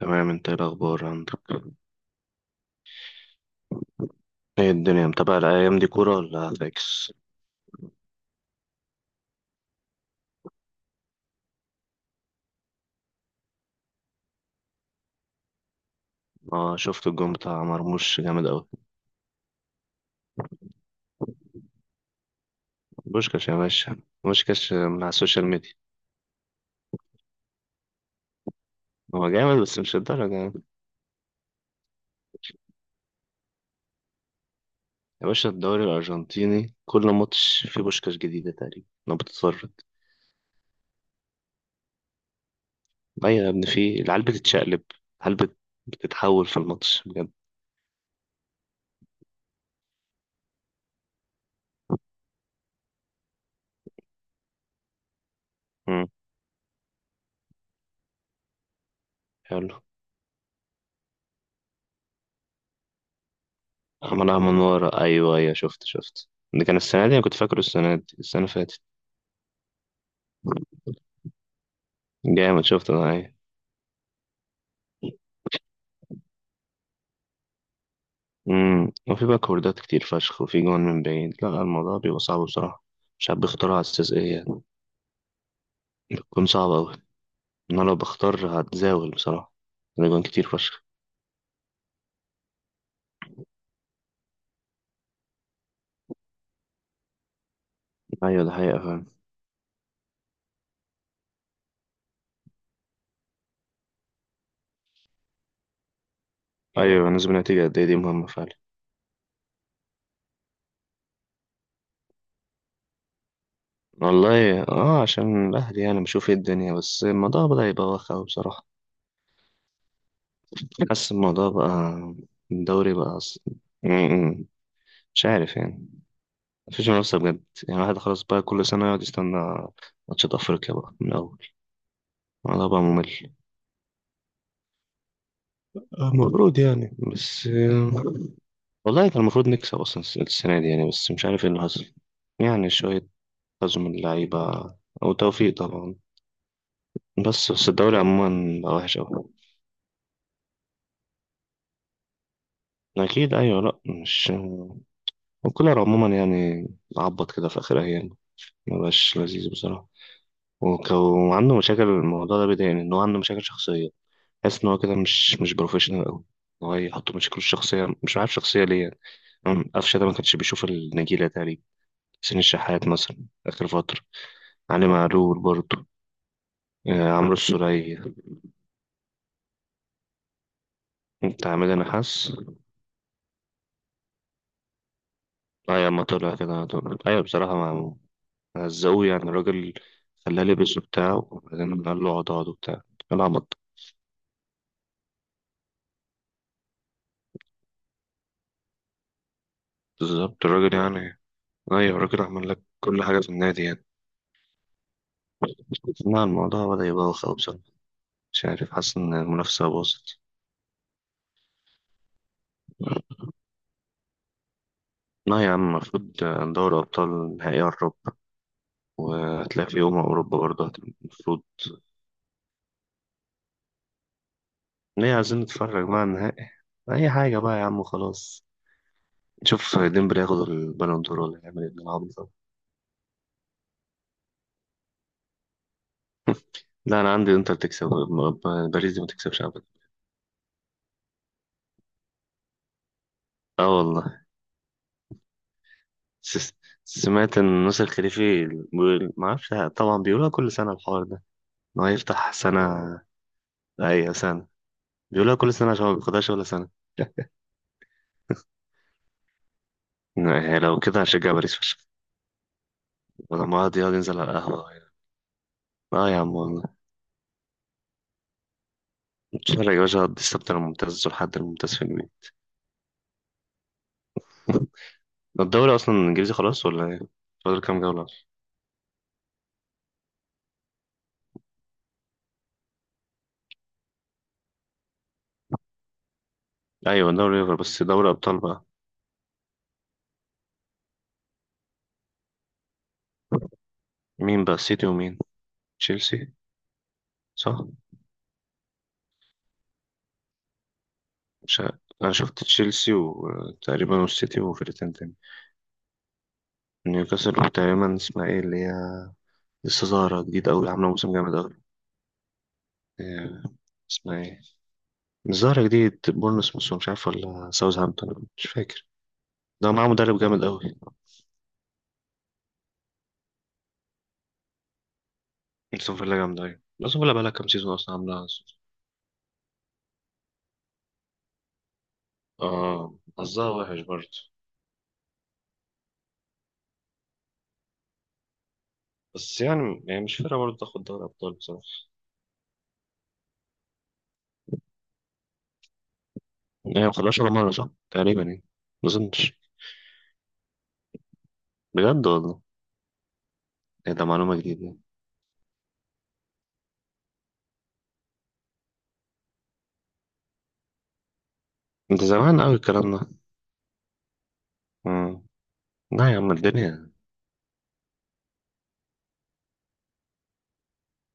تمام، انت ايه الاخبار عندك؟ ايه الدنيا، متابع الايام دي كوره ولا فاكس؟ اه، شفت الجون بتاع مرموش جامد قوي. بوشكاش يا باشا. بوشكاش من على السوشيال ميديا. هو جامد بس مش الدرجه يعني. يا باشا، الدوري الارجنتيني كل ماتش فيه بوشكاش جديده تقريبا لو بتتفرج. ايوه يا ابني، فيه العيال بتتشقلب. العيال بتتحول في الماتش بجد. امم. حلو. عملها من ورا. ايوه، ايوه، شفت ده كان السنه دي. انا كنت فاكره السنه دي السنه اللي فاتت. جامد، شفت انا، ايوه. وفي باكوردات كتير فشخ، وفي جوان من بعيد، لا الموضوع بيبقى صعب بصراحة. مش عارف بيختارها على أساس إيه يعني. بتكون صعبة أوي. أنا لو بختار هتزاول بصراحة. الأجوان كتير فشخ. أيوة، ده حقيقة فعلا. أيوة، نسبة نتيجة قد إيه دي مهمة فعلا. والله، عشان الأهلي يعني بشوف ايه الدنيا، بس الموضوع بدأ يبقى واخد أوي بصراحة. حاسس الموضوع بقى. الدوري بقى أص-. امم. مش عارف يعني. مفيش منافسة بجد. يعني الواحد خلاص بقى كل سنة يقعد يستنى. ماتشات أفريقيا بقى من الأول. الموضوع بقى ممل. المفروض يعني بس. والله كان المفروض نكسب أصلا السنة دي يعني، بس مش عارف ايه اللي حصل. يعني شوية حظ من اللعيبة. أو توفيق طبعا. بس الدوري عموما بقى وحش أوي. أكيد أيوة، لأ مش. وكولر عموما يعني عبط كده في آخر أيام. مبقاش لذيذ بصراحة. وعنده مشاكل، الموضوع ده بيضايقني إن هو عنده مشاكل شخصية. حاسس إن هو كده مش بروفيشنال أوي. هو يحط مشاكله الشخصية، مش عارف شخصية ليه يعني. قفشة ده ما كانش بيشوف النجيلة تقريبا. حسين الشحات مثلا، آخر فترة. علي معلول برضه. عمرو السولية، بتاع حميد نحاس. أيوة ما طلع كده على طول، أيوة بصراحة مع. هزقوه يعني الراجل. خلاه لبس وبتاع، وبعدين قال له اقعد اقعد وبتاع. العبط. بالظبط الراجل يعني. أيوة، الراجل عمل لك كل حاجة في النادي يعني. لا الموضوع بدأ يبقى واخد بصراحة. مش عارف، حاسس إن المنافسة باظت. لا يا عم المفروض. دوري أبطال نهائي أوروبا. وهتلاقي في يوم أوروبا برضه هت-، المفروض. ليه عايزين نتفرج بقى على النهائي؟ أي حاجة بقى يا عم وخلاص. نشوف ديمبلي ياخد البالون دور ولا يعمل ايه بالعبيط ده. لا أنا عندي إنتر تكسب، باريس دي ما تكسبش أبدا. أه والله. س- سمعت إن نصر الخليفي ما أعرفش طبعا، بيقولها كل سنة الحوار ده. إن هو يفتح سنة، أي سنة. بيقولها كل سنة عشان ما بياخدهاش ولا سنة. يعني لو كده هشجع باريس فشخ. لما يقعد ينزل على القهوة. اه يا عم والله. نتفرج يا باشا على السبت الممتاز والحد الممتاز في البيت. ده الدوري اصلا الانجليزي خلاص ولا ايه؟ فاضل كام جولة أصلاً؟ ايوه، دوري ليفر، بس دوري ابطال بقى. مين بقى، سيتي ومين؟ تشيلسي، صح. مش عارف. انا شفت تشيلسي وتقريبا والسيتي وفرقتين تاني. نيوكاسل، وتقريبا اسمها ايه اللي هي؟ لسه ظاهرة جديد أوي، عاملة موسم جامد أوي. إيه، اسمها ايه؟ مش ظاهرة جديد، بورنموث مش عارف، ولا ساوثهامبتون مش فاكر. ده معاه مدرب جامد أوي. استون فيلا جامد أوي، استون فيلا بقالها كام سيزون أصلا عاملة. اه، حظها وحش برضه. بس يعني مش فارقة برضه تاخد دوري أبطال بصراحة. هي ما خدهاش ولا مرة صح؟ تقريبا يعني. ما أظنش. بجد والله. إيه، ده معلومة جديدة يعني. أنت زمان أوي الكلام ده. مم. لا يا عم الدنيا.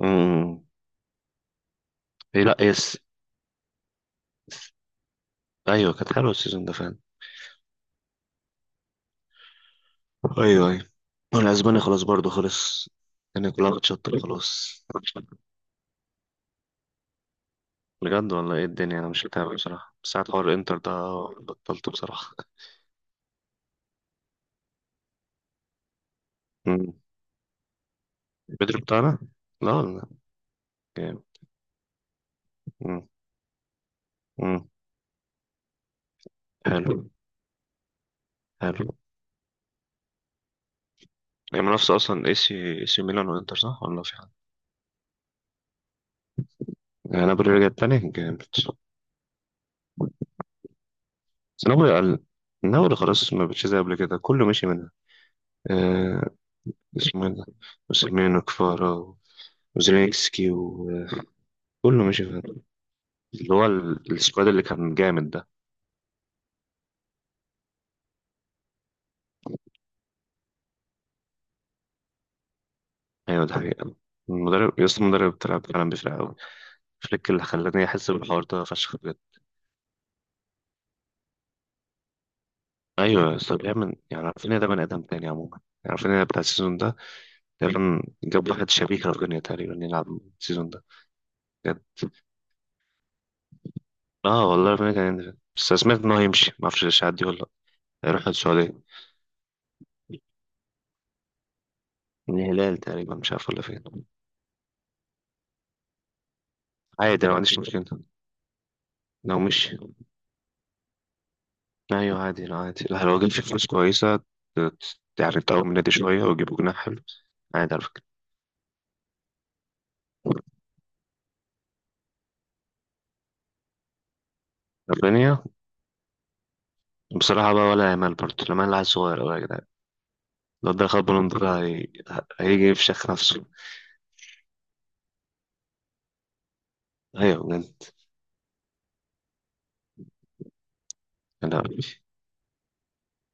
مم. إيه لا يس. أيوة، كانت حلوة السيزون ده فعلا. أيوة، أيوة. والأسباني خلاص برضه خلص. الدنيا كلها بتشطر خلاص. بجد والله إيه الدنيا، أنا مش متابع بصراحة بس ساعة حوار الإنتر ده. بطلت بصراحة. مم. بدري بتاعنا. لا والله. جامد. مم. مم. حلو. حلو. هي منافسة أصلا اي سي ميلان وإنتر، صح ولا في حد؟ يعني نابولي رجع تاني جامد بس. نابولي أقل. نابولي خلاص ما بقتش زي قبل كده، كله مشي منها. آه. اسمه ايه ده؟ وسيرمين وكفارا. وزيلينسكي وكله مشي فيها. اللي هو السكواد اللي كان جامد ده. أيوه ده حقيقة. المدرب يا اسطى، المدرب بتاع فعلا بيفرق أوي. فليك اللي خلاني أحس بالحوار ده فشخ بجد. أيوه يا اسطى، بيعمل يعني، عارفين، ده بني آدم تاني عموما، يعني عارفين بتاع السيزون ده. تقريبا جاب واحد شبيك رافينيا، تقريبا يلعب السيزون ده. اه والله ربنا كان يندفع، بس سمعت ان هو هيمشي، ما اعرفش لسه هيعدي ولا لا. هيروح السعوديه. من الهلال تقريبا، مش عارف ولا فين. عادي، انا ما عنديش مشكله لو مشي. ايوه عادي، لا عادي، لا لو جبت فلوس كويسه يعني تقوم النادي شويه ويجيبوا جناح حلو. عادي على فكره رافينيا. بصراحه بقى، ولا يامال برضه، لامال لعيب صغير قوي يا جدعان. لو ده خد بالون دور، هيجي يفشخ نفسه. ايوه بجد. انا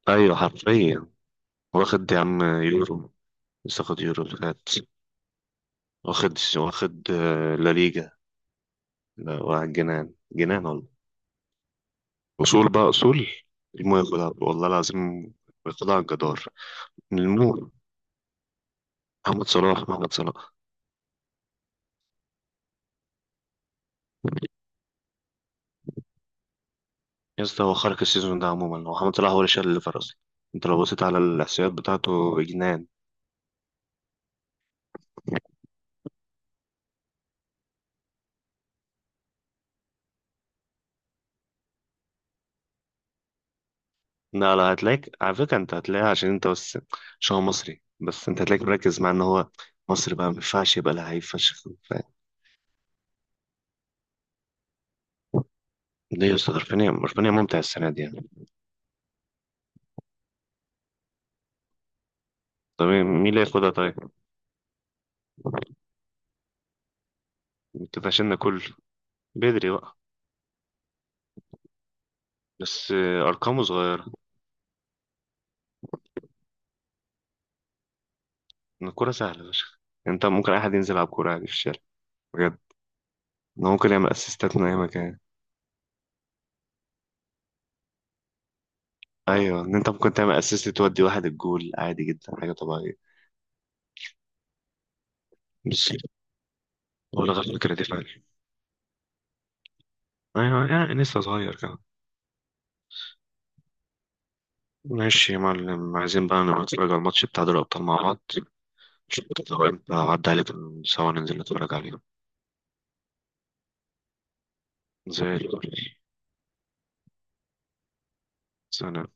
ايوه حرفيا. واخد يا عم يورو، لسه واخد يورو اللي فات. واخد واخد لا ليجا. لا واحد جنان جنان والله. اصول بقى اصول. المهم ياخدها والله العظيم، ياخدها على الجدار. المهم، محمد صلاح، محمد صلاح. يا اسطى، هو خارج السيزون ده عموما، هو محمد صلاح هو اللي شال الليفر اصلا. انت لو بصيت على الاحصائيات بتاعته جنان. لا، لا، هتلاقيك على فكره، انت هتلاقيها عشان انت بس، عشان هو مصري، بس انت هتلاقيك مركز مع ان هو مصري بقى ما ينفعش يبقى لعيب فشخ. ف-. ليه يا اسطى، رفانية رفانية ممتع السنة دي يعني؟ طب مين اللي ياخدها طيب؟ ما اتفقناش ان كله بدري بقى؟ بس أرقامه صغيرة. إن الكورة سهلة يا باشا. انت ممكن اي حد ينزل يلعب كورة عادي في الشارع بجد. ان هو ممكن يعمل اسيستات من اي مكان. ايوه، ان انت ممكن تعمل اسيست تودي واحد الجول عادي جدا، حاجة طبيعية. مش ولا غير فكرة دي فعلا. ايوه يعني لسه صغير كمان. ماشي يا معلم، عايزين بقى نبقى نتفرج على الماتش بتاع دوري الابطال مع بعض. شوف، لو انت عدى عليك سوا ننزل نتفرج عليه. زي الفل. سلام.